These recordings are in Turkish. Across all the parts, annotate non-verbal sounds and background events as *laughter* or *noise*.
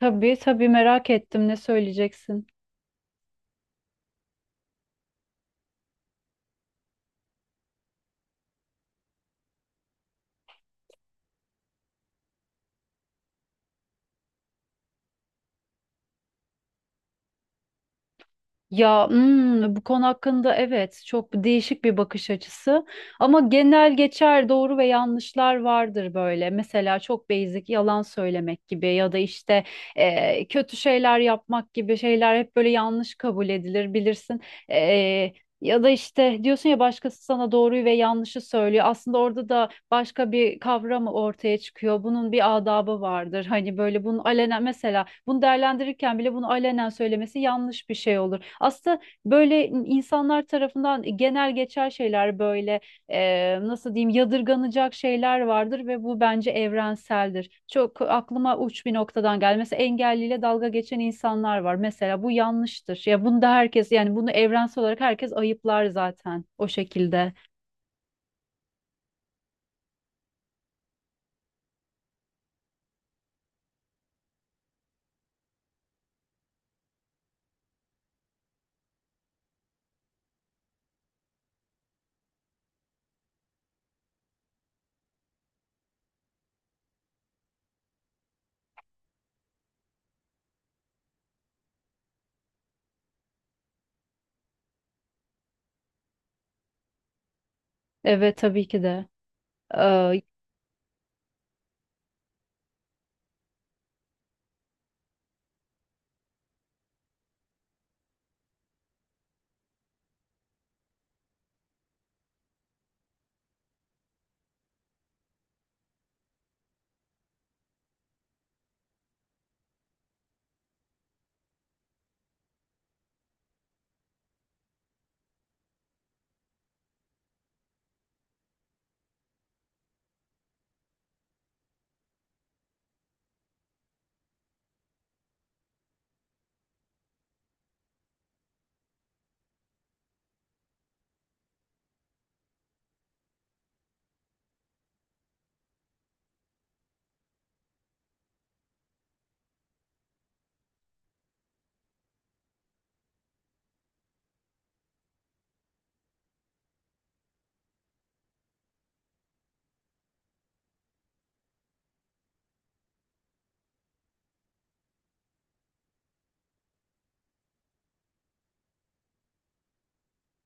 Tabii tabii merak ettim ne söyleyeceksin. Ya hmm, bu konu hakkında evet çok değişik bir bakış açısı ama genel geçer doğru ve yanlışlar vardır böyle. Mesela çok basic yalan söylemek gibi ya da işte kötü şeyler yapmak gibi şeyler hep böyle yanlış kabul edilir bilirsin. E, Ya da işte diyorsun ya başkası sana doğruyu ve yanlışı söylüyor. Aslında orada da başka bir kavram ortaya çıkıyor. Bunun bir adabı vardır. *laughs* Hani böyle bunu alenen mesela bunu değerlendirirken bile bunu alenen söylemesi yanlış bir şey olur. Aslında böyle insanlar tarafından genel geçer şeyler böyle nasıl diyeyim yadırganacak şeyler vardır ve bu bence evrenseldir. Çok aklıma uç bir noktadan geldi. Mesela engelliyle dalga geçen insanlar var. Mesela bu yanlıştır. Ya bunu da herkes yani bunu evrensel olarak herkes ayıplar zaten o şekilde. Evet tabii ki de. Ee,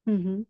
Hı hı.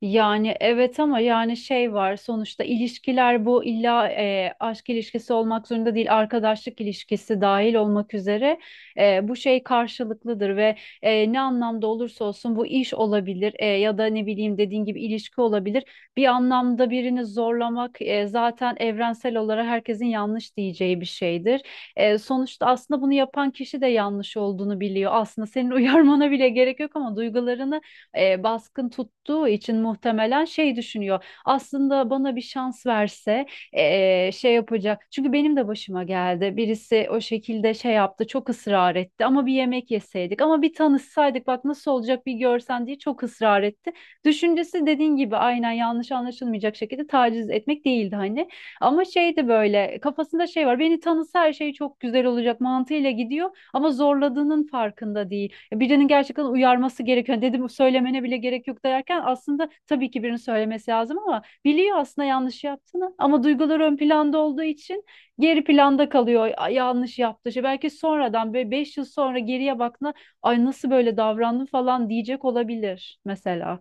Yani evet ama yani şey var sonuçta ilişkiler bu illa aşk ilişkisi olmak zorunda değil arkadaşlık ilişkisi dahil olmak üzere bu şey karşılıklıdır ve ne anlamda olursa olsun bu iş olabilir ya da ne bileyim dediğin gibi ilişki olabilir bir anlamda birini zorlamak zaten evrensel olarak herkesin yanlış diyeceği bir şeydir. Sonuçta aslında bunu yapan kişi de yanlış olduğunu biliyor aslında senin *laughs* uyarmana bile gerek yok ama duygularını baskın tuttuğu için muhtemelen şey düşünüyor. Aslında bana bir şans verse şey yapacak. Çünkü benim de başıma geldi. Birisi o şekilde şey yaptı, çok ısrar etti. Ama bir yemek yeseydik, ama bir tanışsaydık bak nasıl olacak bir görsen diye çok ısrar etti. Düşüncesi dediğin gibi aynen yanlış anlaşılmayacak şekilde taciz etmek değildi hani. Ama şey de böyle kafasında şey var. Beni tanısa her şey çok güzel olacak mantığıyla gidiyor ama zorladığının farkında değil. Birinin gerçekten uyarması gerekiyor. Yani dedim söylemene bile gerek yok derken aslında tabii ki birinin söylemesi lazım ama biliyor aslında yanlış yaptığını ama duygular ön planda olduğu için geri planda kalıyor. "Ay, yanlış yaptı. İşte belki sonradan böyle 5 yıl sonra geriye baktığında ay nasıl böyle davrandım falan diyecek olabilir mesela.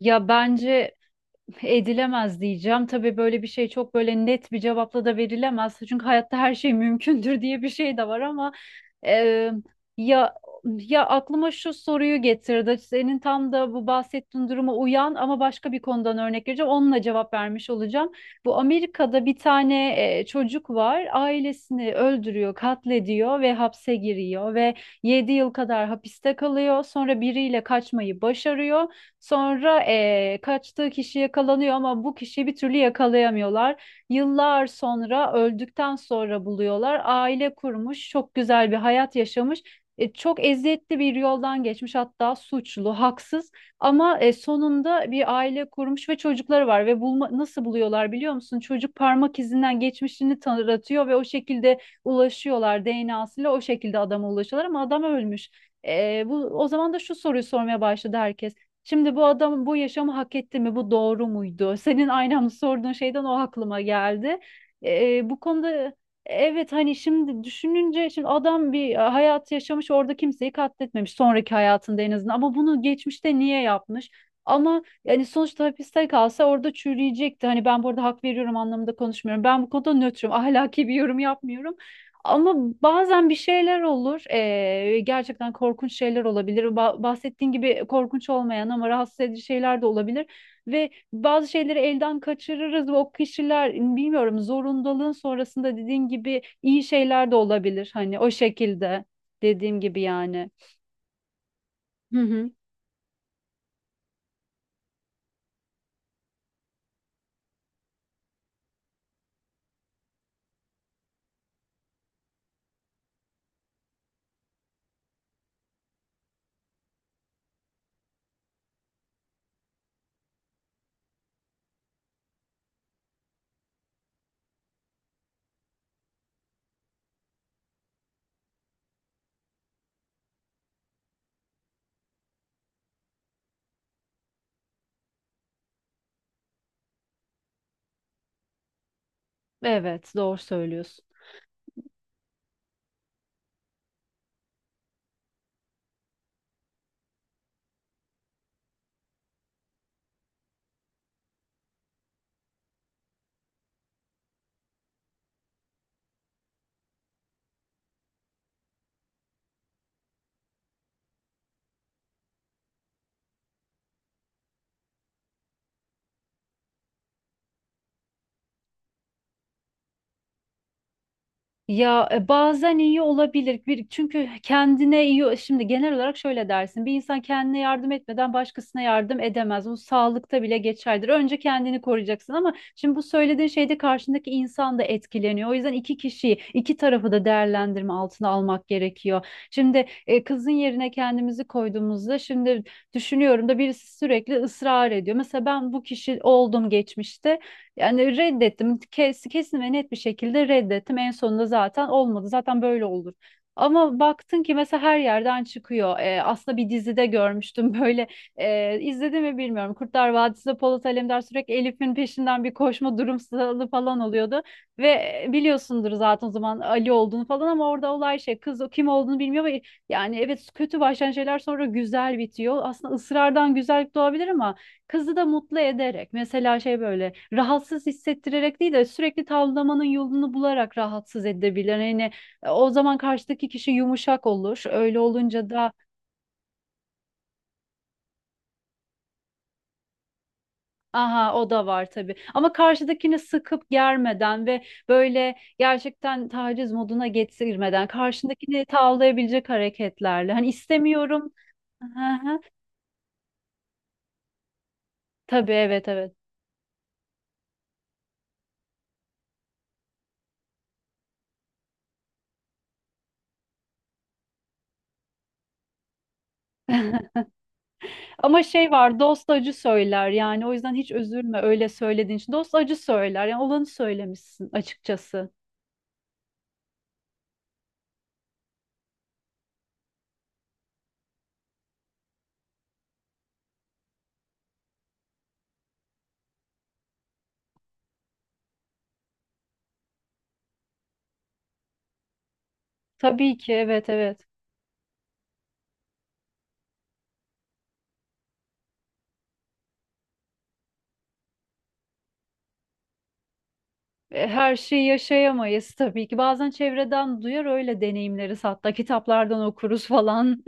Ya bence edilemez diyeceğim. Tabii böyle bir şey çok böyle net bir cevapla da verilemez. Çünkü hayatta her şey *laughs* mümkündür diye bir şey de var ama e, ya aklıma şu soruyu getirdi. Senin tam da bu bahsettiğin duruma uyan ama başka bir konudan örnek vereceğim. Onunla cevap vermiş olacağım. Bu Amerika'da bir tane çocuk var. Ailesini öldürüyor, katlediyor ve hapse giriyor ve 7 yıl kadar hapiste kalıyor. Sonra biriyle kaçmayı başarıyor. Sonra kaçtığı kişi yakalanıyor ama bu kişiyi bir türlü yakalayamıyorlar. Yıllar sonra öldükten sonra buluyorlar. Aile kurmuş, çok güzel bir hayat yaşamış. Çok eziyetli bir yoldan geçmiş hatta suçlu, haksız ama sonunda bir aile kurmuş ve çocukları var ve bulma, nasıl buluyorlar biliyor musun? Çocuk parmak izinden geçmişini tanıtıyor ve o şekilde ulaşıyorlar DNA'sıyla o şekilde adama ulaşıyorlar ama adam ölmüş. Bu o zaman da şu soruyu sormaya başladı herkes. Şimdi bu adam bu yaşamı hak etti mi? Bu doğru muydu? Senin aynen sorduğun şeyden o aklıma geldi. Bu konuda evet hani şimdi düşününce şimdi adam bir hayat yaşamış orada kimseyi katletmemiş sonraki hayatında en azından ama bunu geçmişte niye yapmış? Ama yani sonuçta hapiste kalsa orada çürüyecekti. Hani ben burada hak veriyorum anlamında konuşmuyorum. Ben bu konuda nötrüm. *laughs* Ahlaki bir yorum yapmıyorum. Ama bazen bir şeyler olur. Gerçekten korkunç şeyler olabilir. Bahsettiğin gibi korkunç olmayan ama rahatsız edici şeyler de olabilir. Ve bazı şeyleri elden kaçırırız ve o kişiler bilmiyorum zorundalığın sonrasında dediğin gibi iyi şeyler de olabilir. Hani o şekilde dediğim gibi yani. Hı hı. Evet, doğru söylüyorsun. Bazen iyi olabilir. Bir, çünkü kendine iyi şimdi genel olarak şöyle dersin. Bir insan kendine yardım etmeden başkasına yardım edemez. Bu sağlıkta bile geçerlidir. Önce kendini koruyacaksın ama şimdi bu söylediğin şeyde karşındaki insan da etkileniyor. O yüzden iki kişiyi, iki tarafı da değerlendirme altına almak gerekiyor. Şimdi kızın yerine kendimizi koyduğumuzda şimdi düşünüyorum da birisi sürekli ısrar ediyor. Mesela ben bu kişi oldum geçmişte. Yani reddettim. Kesin ve net bir şekilde reddettim. En sonunda zaten olmadı. Zaten böyle olur. Ama baktın ki mesela her yerden çıkıyor. Aslında bir dizide görmüştüm *laughs* böyle. İzledim mi bilmiyorum. Kurtlar Vadisi'nde Polat Alemdar sürekli Elif'in peşinden bir koşma durumsalı falan oluyordu. Ve biliyorsundur zaten o zaman Ali olduğunu falan ama orada olay şey kız o kim olduğunu bilmiyor ve yani evet kötü başlayan şeyler sonra güzel bitiyor. Aslında ısrardan güzellik doğabilir ama kızı da mutlu ederek mesela şey böyle rahatsız hissettirerek değil de sürekli tavlamanın yolunu bularak rahatsız edebilir. Yani o zaman karşıdaki kişi yumuşak olur. Öyle olunca da aha o da var tabii. Ama karşıdakini sıkıp germeden ve böyle gerçekten taciz moduna getirmeden karşındakini tavlayabilecek hareketlerle. Hani istemiyorum. Aha hı. Tabii evet evet. Ama şey var dost acı söyler yani o yüzden hiç üzülme öyle söylediğin için. Dost acı söyler yani olanı söylemişsin açıkçası. Tabii ki evet evet. Her şeyi yaşayamayız tabii ki. Bazen çevreden duyar öyle deneyimleriz hatta kitaplardan okuruz falan.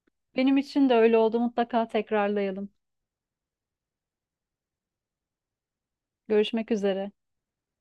*laughs* Benim için de öyle oldu mutlaka tekrarlayalım. Görüşmek üzere.